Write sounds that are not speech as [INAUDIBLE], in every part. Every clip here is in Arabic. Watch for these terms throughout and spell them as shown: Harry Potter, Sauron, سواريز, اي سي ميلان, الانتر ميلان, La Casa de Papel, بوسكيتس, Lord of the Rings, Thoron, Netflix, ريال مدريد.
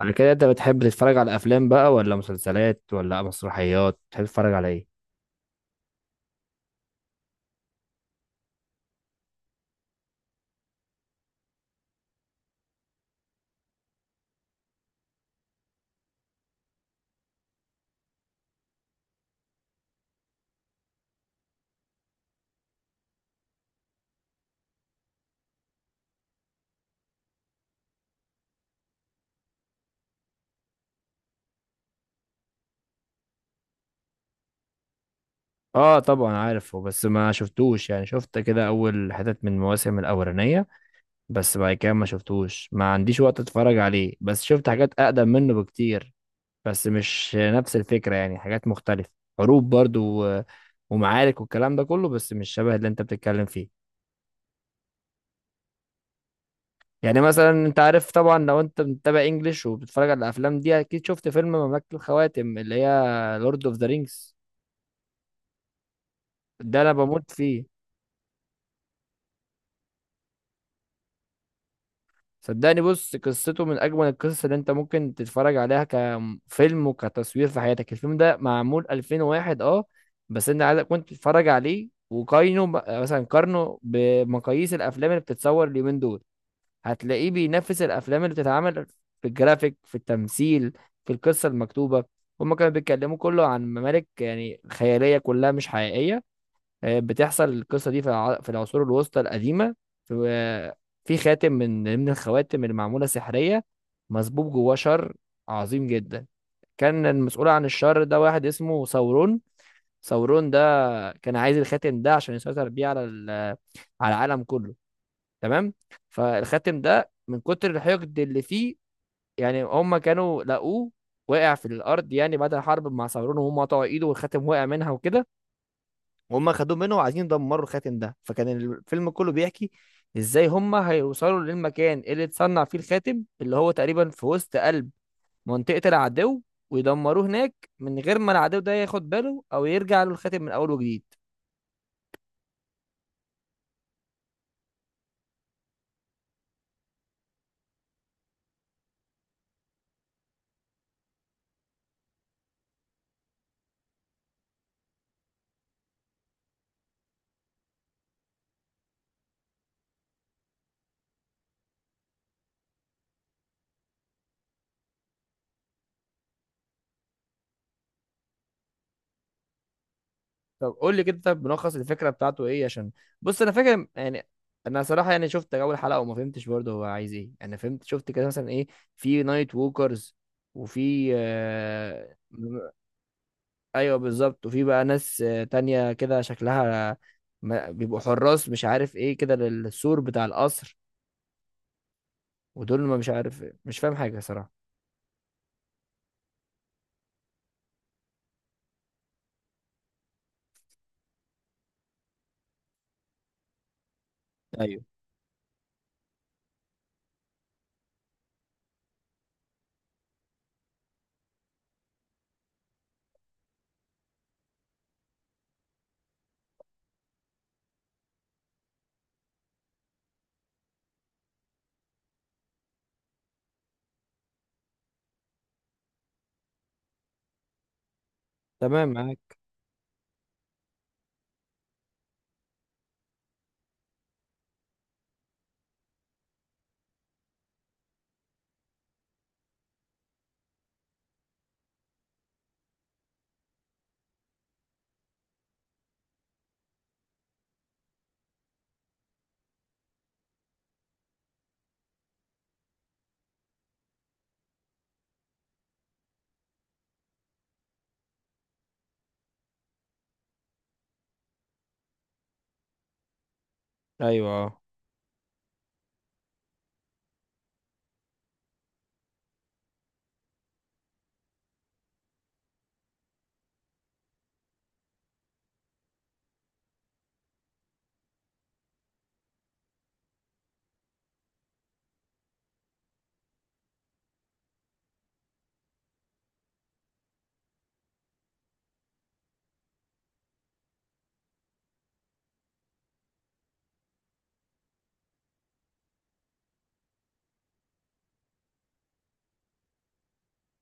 على كده انت بتحب تتفرج على افلام بقى، ولا مسلسلات، ولا مسرحيات؟ بتحب تتفرج على ايه؟ اه طبعا عارفه، بس ما شفتوش. يعني شفت كده اول حتت من المواسم الاولانيه، بس بعد كده ما شفتوش، ما عنديش وقت اتفرج عليه. بس شفت حاجات اقدم منه بكتير، بس مش نفس الفكره، يعني حاجات مختلفه. حروب برضو و- ومعارك والكلام ده كله، بس مش شبه اللي انت بتتكلم فيه. يعني مثلا انت عارف طبعا، لو انت متابع انجليش وبتتفرج على الافلام دي، اكيد شفت فيلم مملكة الخواتم اللي هي لورد اوف ذا رينجز. ده انا بموت فيه. صدقني بص، قصته من اجمل القصص اللي انت ممكن تتفرج عليها كفيلم وكتصوير في حياتك. الفيلم ده معمول 2001. اه، بس انت عايزك كنت تتفرج عليه وقارنه ب- مثلا قارنه بمقاييس الافلام اللي بتتصور اليومين دول، هتلاقيه بينافس الافلام اللي بتتعمل في الجرافيك، في التمثيل، في القصه المكتوبه. هما كانوا بيتكلموا كله عن ممالك يعني خياليه، كلها مش حقيقيه. بتحصل القصه دي في الع- في العصور الوسطى القديمه. في في خاتم من الخواتم اللي معموله سحريه، مسبوب جواه شر عظيم جدا. كان المسؤول عن الشر ده واحد اسمه ثورون. ثورون ده كان عايز الخاتم ده عشان يسيطر بيه على ال- على العالم كله، تمام؟ فالخاتم ده من كتر الحقد اللي فيه، يعني هم كانوا لقوه واقع في الارض، يعني بعد الحرب مع صابرون، وهم قطعوا ايده والخاتم وقع منها وكده، وهم خدوه منه وعايزين يدمروا الخاتم ده. فكان الفيلم كله بيحكي ازاي هم هيوصلوا للمكان اللي اتصنع فيه الخاتم، اللي هو تقريبا في وسط قلب منطقة العدو، ويدمروه هناك، من غير ما العدو ده ياخد باله او يرجع له الخاتم من اول وجديد. طب قول لي كده، طب ملخص الفكره بتاعته ايه؟ عشان بص انا فاكر يعني، انا صراحه يعني شفت اول حلقه وما فهمتش برضه هو عايز ايه. انا فهمت شفت كده مثلا ايه، في نايت ووكرز، وفي ايوه بالظبط. وفي بقى ناس تانية كده شكلها ما... بيبقوا حراس مش عارف ايه كده للسور بتاع القصر، ودول ما مش عارف، مش فاهم حاجه صراحه. ايوه تمام معاك. ايوه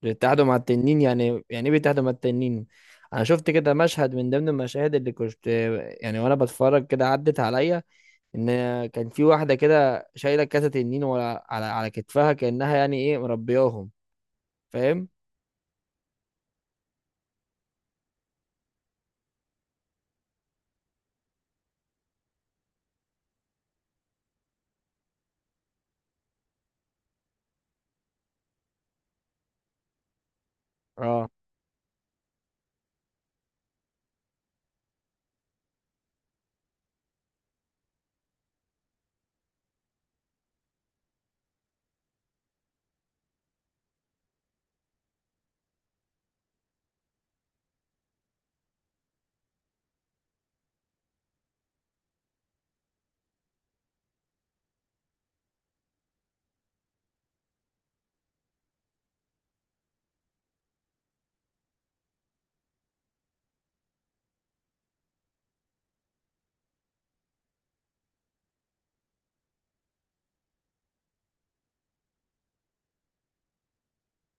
بيتحدوا مع التنين؟ يعني يعني ايه بيتحدوا مع التنين؟ انا شفت كده مشهد من ضمن المشاهد اللي كنت، يعني وانا بتفرج كده عدت عليا، ان كان في واحده كده شايله كاسه تنين ورا على على كتفها كانها يعني ايه مربياهم، فاهم؟ اه.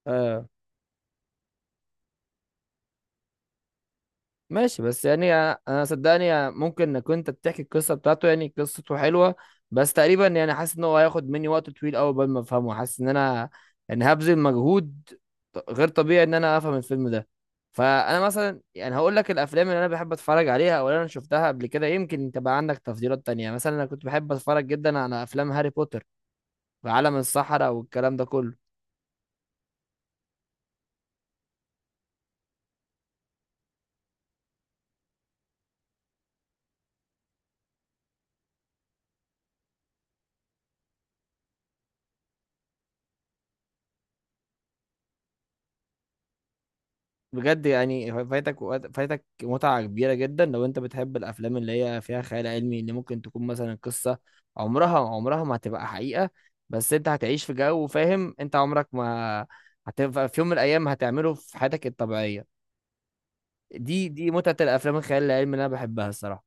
اه ماشي، بس يعني أنا صدقني، ممكن انك انت بتحكي القصه بتاعته يعني قصته حلوه، بس تقريبا يعني حاسس ان هو هياخد مني وقت طويل قوي قبل ما افهمه. حاسس ان انا يعني هبذل مجهود غير طبيعي ان انا افهم الفيلم ده. فانا مثلا يعني هقول لك الافلام اللي انا بحب اتفرج عليها او اللي انا شفتها قبل كده. يمكن انت بقى عندك تفضيلات تانية. مثلا انا كنت بحب اتفرج جدا على افلام هاري بوتر، وعالم السحرة والكلام ده كله. بجد يعني فايتك فايتك متعة كبيرة جدا، لو انت بتحب الافلام اللي هي فيها خيال علمي، اللي ممكن تكون مثلا قصة عمرها ما هتبقى حقيقة، بس انت هتعيش في جو، فاهم؟ انت عمرك ما هتبقى في يوم من الايام هتعمله في حياتك الطبيعية. دي متعة الافلام الخيال العلمي اللي انا بحبها الصراحة.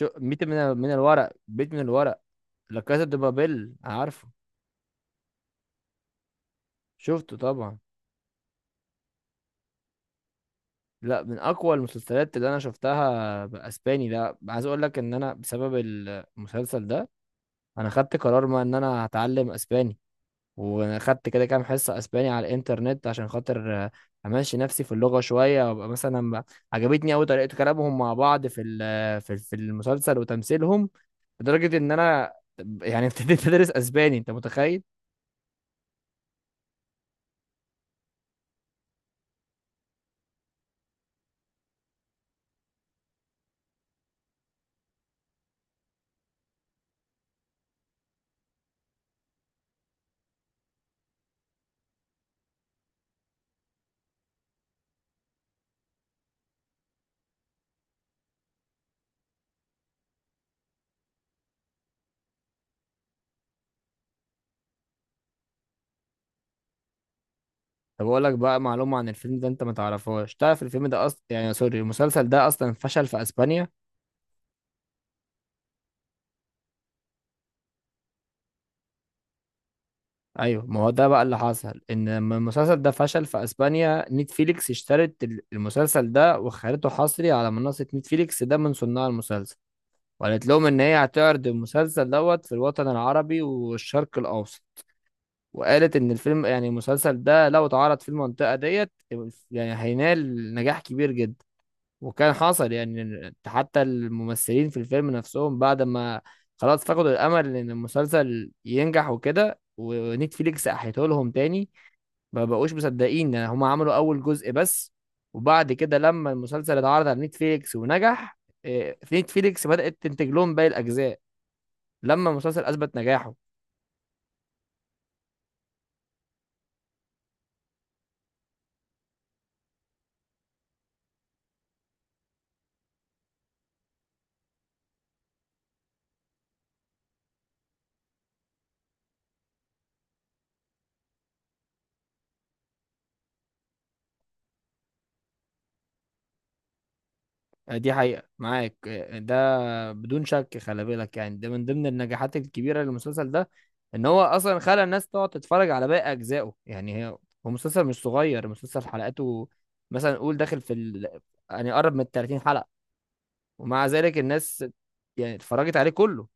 شو ميت من الورق؟ بيت من الورق؟ لا كاسا دي بابيل، عارفه. شفته طبعا. لا، من اقوى المسلسلات اللي انا شفتها. باسباني ده، عايز اقول لك ان انا بسبب المسلسل ده انا خدت قرار ما ان انا هتعلم اسباني، واخدت كده كام حصه اسباني على الانترنت عشان خاطر امشي نفسي في اللغه شويه، وابقى مثلا ب- عجبتني قوي طريقه كلامهم مع بعض في ال- في في المسلسل وتمثيلهم، لدرجه ان انا يعني [LAUGHS] ابتديت ادرس اسباني، انت متخيل؟ طب اقول لك بقى معلومه عن الفيلم ده انت ما تعرفهاش. تعرف الفيلم ده اصلا، يعني سوري المسلسل ده، اصلا فشل في اسبانيا؟ ايوه، ما هو ده بقى اللي حصل، ان لما المسلسل ده فشل في اسبانيا، نتفليكس اشترت ال- المسلسل ده وخلته حصري على منصة نتفليكس. ده من صناع المسلسل، وقالت لهم ان هي هتعرض المسلسل دوت في الوطن العربي والشرق الاوسط، وقالت ان الفيلم يعني المسلسل ده لو اتعرض في المنطقة ديت يعني هينال نجاح كبير جدا. وكان حصل يعني حتى الممثلين في الفيلم نفسهم بعد ما خلاص فقدوا الامل ان المسلسل ينجح وكده، ونتفليكس احيته لهم تاني. ما بقوش مصدقين، يعني هما عملوا اول جزء بس، وبعد كده لما المسلسل اتعرض على نتفليكس ونجح، إيه، في نتفليكس بدأت تنتج لهم باقي الاجزاء لما المسلسل اثبت نجاحه. آه، دي حقيقة معاك، آه، ده بدون شك. خلي بالك يعني ده من ضمن النجاحات الكبيرة للمسلسل ده، ان هو اصلا خلى الناس تقعد تتفرج على باقي اجزائه. يعني هي، هو مسلسل مش صغير، مسلسل حلقاته مثلا قول داخل في ال... يعني قرب من 30 حلقة، ومع ذلك الناس يعني اتفرجت عليه كله.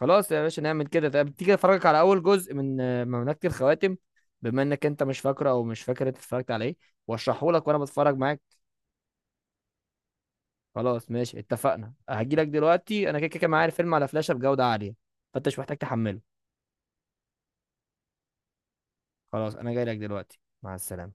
خلاص يا باشا، نعمل كده. طب تيجي افرجك على اول جزء من آه، مملكة الخواتم، بما انك انت مش فاكره او مش فاكر انت اتفرجت على ايه، واشرحه لك وانا بتفرج معاك. خلاص ماشي، اتفقنا. هجي لك دلوقتي، انا كده كده معايا الفيلم على فلاشة بجودة عالية، فانت مش محتاج تحمله. خلاص انا جاي لك دلوقتي، مع السلامة.